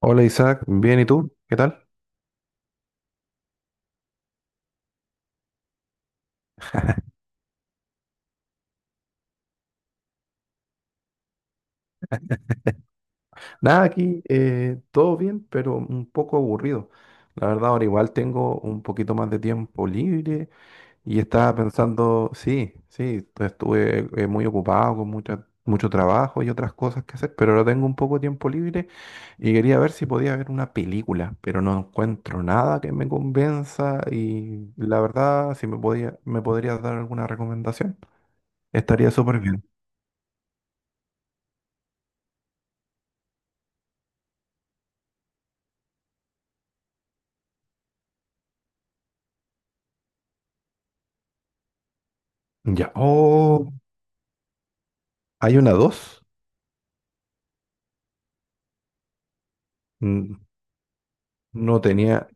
Hola Isaac, bien, ¿y tú? ¿Qué tal? Nada, aquí todo bien, pero un poco aburrido. La verdad, ahora igual tengo un poquito más de tiempo libre y estaba pensando, sí, sí, estuve muy ocupado con mucho trabajo y otras cosas que hacer, pero ahora tengo un poco de tiempo libre y quería ver si podía ver una película, pero no encuentro nada que me convenza y la verdad, si me podía, me podrías dar alguna recomendación, estaría súper bien. Ya. Oh, ¿hay una dos? N- No tenía,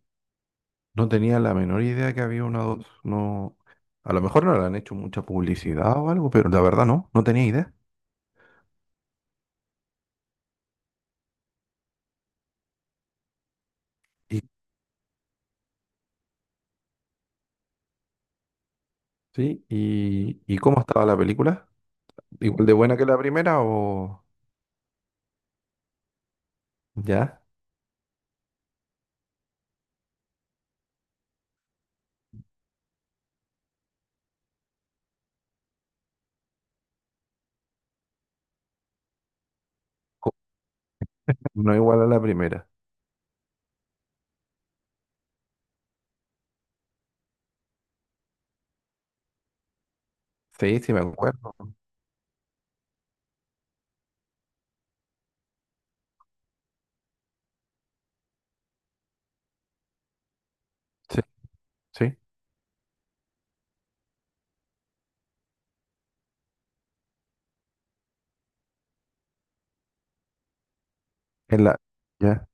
no tenía la menor idea que había una dos. No, a lo mejor no le han hecho mucha publicidad o algo, pero la verdad no, no tenía idea. Y, sí, ¿y cómo estaba la película? ¿Igual de buena que la primera o ya? Co- No igual a la primera. Sí, sí me acuerdo. Sí, sí. En la, ya.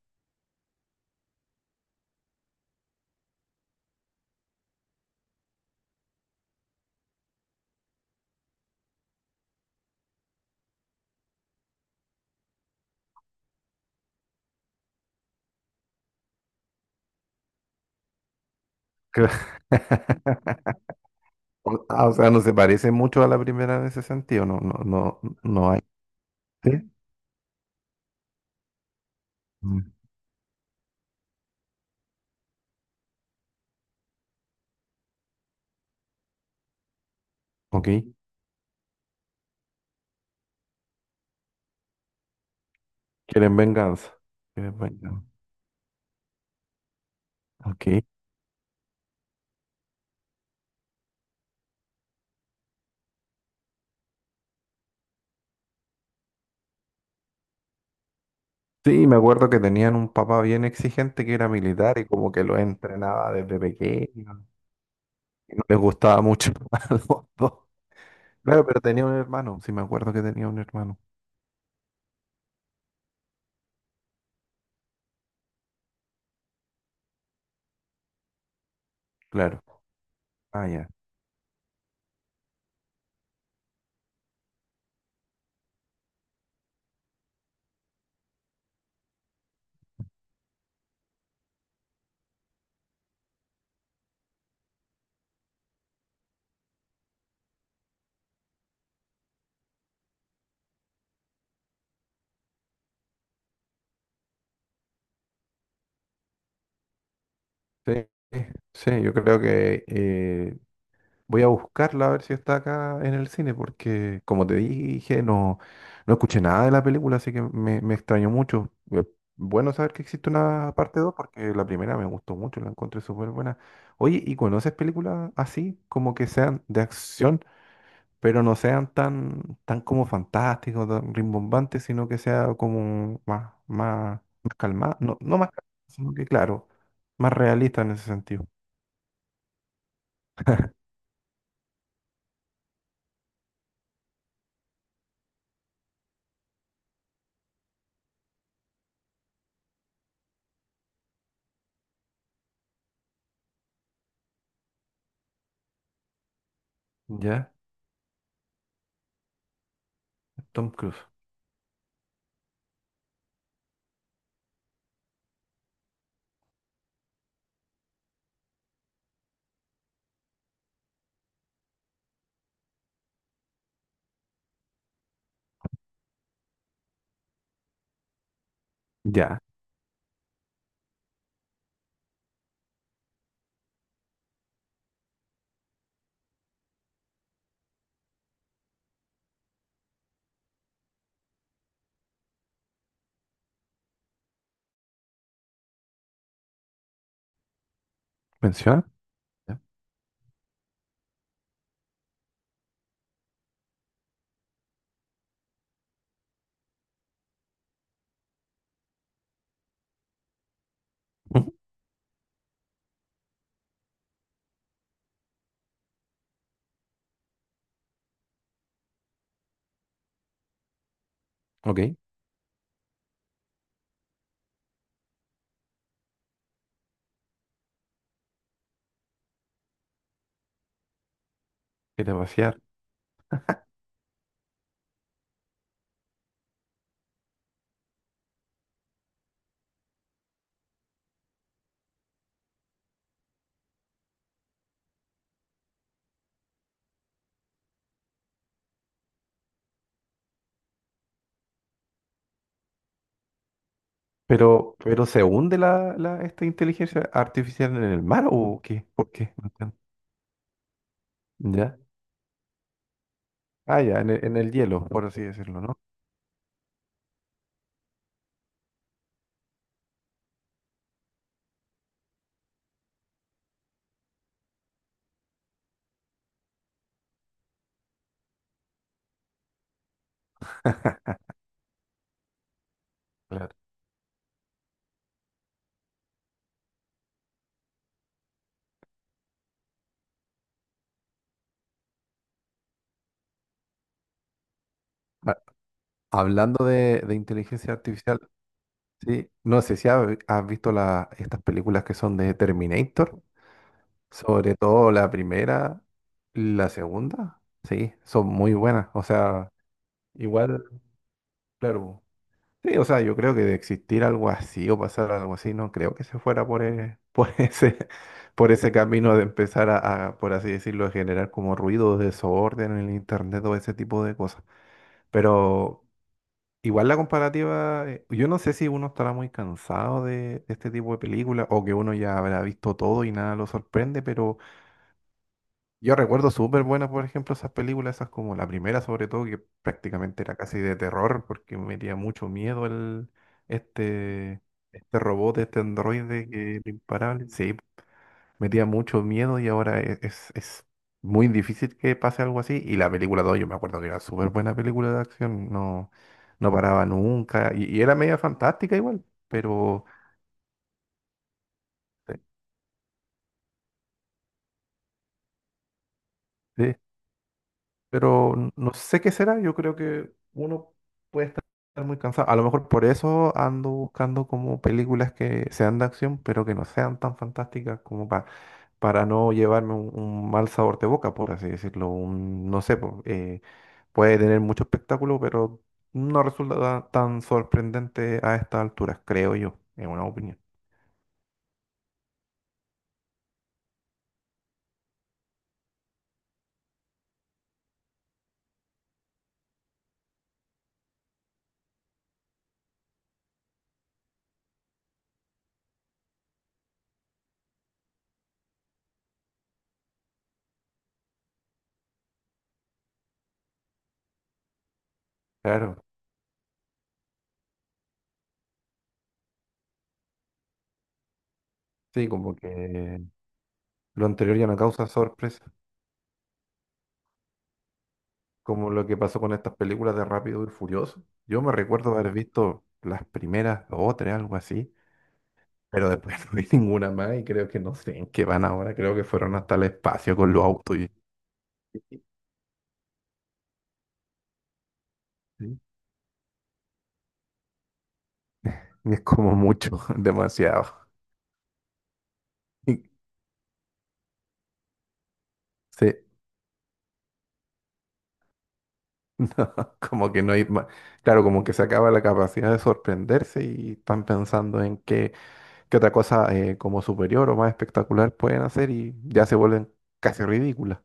Cla- O ah, o sea, no se parece mucho a la primera en ese sentido. No, no, no, no hay. ¿Sí? Mm. Ok. Quieren venganza. Quieren venganza. Ok. Sí, me acuerdo que tenían un papá bien exigente que era militar y como que lo entrenaba desde pequeño y no les gustaba mucho a los dos. Claro, pero tenía un hermano, sí me acuerdo que tenía un hermano, claro. Ah, ya. Sí, sí, yo creo que voy a buscarla a ver si está acá en el cine, porque como te dije, no, no escuché nada de la película, así que me extrañó mucho. Bueno saber que existe una parte 2 porque la primera me gustó mucho, la encontré súper buena. Oye, ¿y conoces películas así, como que sean de acción, pero no sean tan, tan como fantásticos, tan rimbombantes, sino que sea como más, más, más calmada? No, no más calmada, sino que claro, más realista en ese sentido. ¿Ya? Tom Cruise. ¿Ya? ¿Menciona? Ujú. Ok, es demasiado. Pero ¿se hunde esta inteligencia artificial en el mar o qué? ¿Por qué? No entiendo. ¿Ya? Ah, ya, en el hielo, por así decirlo, ¿no? Claro. Ah, hablando de inteligencia artificial, sí, no sé si has visto estas películas que son de Terminator, sobre todo la primera, la segunda, sí, son muy buenas. O sea, igual, claro. Sí, o sea, yo creo que de existir algo así o pasar algo así, no creo que se fuera por, por ese camino de empezar a, por así decirlo, a generar como ruido, desorden en el internet o ese tipo de cosas. Pero igual la comparativa, yo no sé si uno estará muy cansado de este tipo de películas o que uno ya habrá visto todo y nada lo sorprende, yo recuerdo súper buenas, por ejemplo, esas películas, esas como la primera sobre todo, que prácticamente era casi de terror, porque me metía mucho miedo el, este, este robot, este androide que era imparable. Sí, metía mucho miedo y ahora es muy difícil que pase algo así. Y la película 2 yo me acuerdo que era súper buena película de acción, no, no paraba nunca. Y era media fantástica igual, pero... sí, pero no sé qué será. Yo creo que uno puede estar muy cansado. A lo mejor por eso ando buscando como películas que sean de acción, pero que no sean tan fantásticas como para no llevarme un mal sabor de boca, por así decirlo. Un, no sé, po, puede tener mucho espectáculo, pero no resulta tan sorprendente a estas alturas, creo yo, en una opinión. Claro, sí, como que lo anterior ya no causa sorpresa. Como lo que pasó con estas películas de Rápido y Furioso. Yo me recuerdo haber visto las primeras dos o tres, algo así, pero después no vi ninguna más y creo que no sé en qué van ahora. Creo que fueron hasta el espacio con los autos y, sí. Y es como mucho, demasiado. Y sí, no, como que no hay más. Claro, como que se acaba la capacidad de sorprenderse y están pensando en qué, qué otra cosa como superior o más espectacular pueden hacer y ya se vuelven casi ridículas.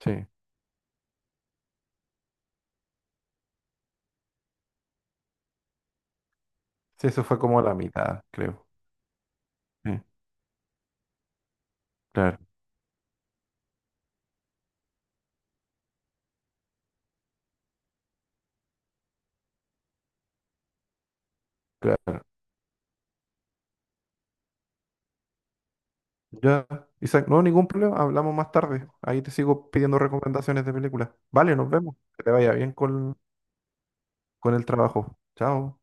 Sí. Sí, eso fue como la mitad, creo. Sí, claro, claro. Ya, Isaac, no, ningún problema, hablamos más tarde. Ahí te sigo pidiendo recomendaciones de películas. Vale, nos vemos. Que te vaya bien con el trabajo. Chao.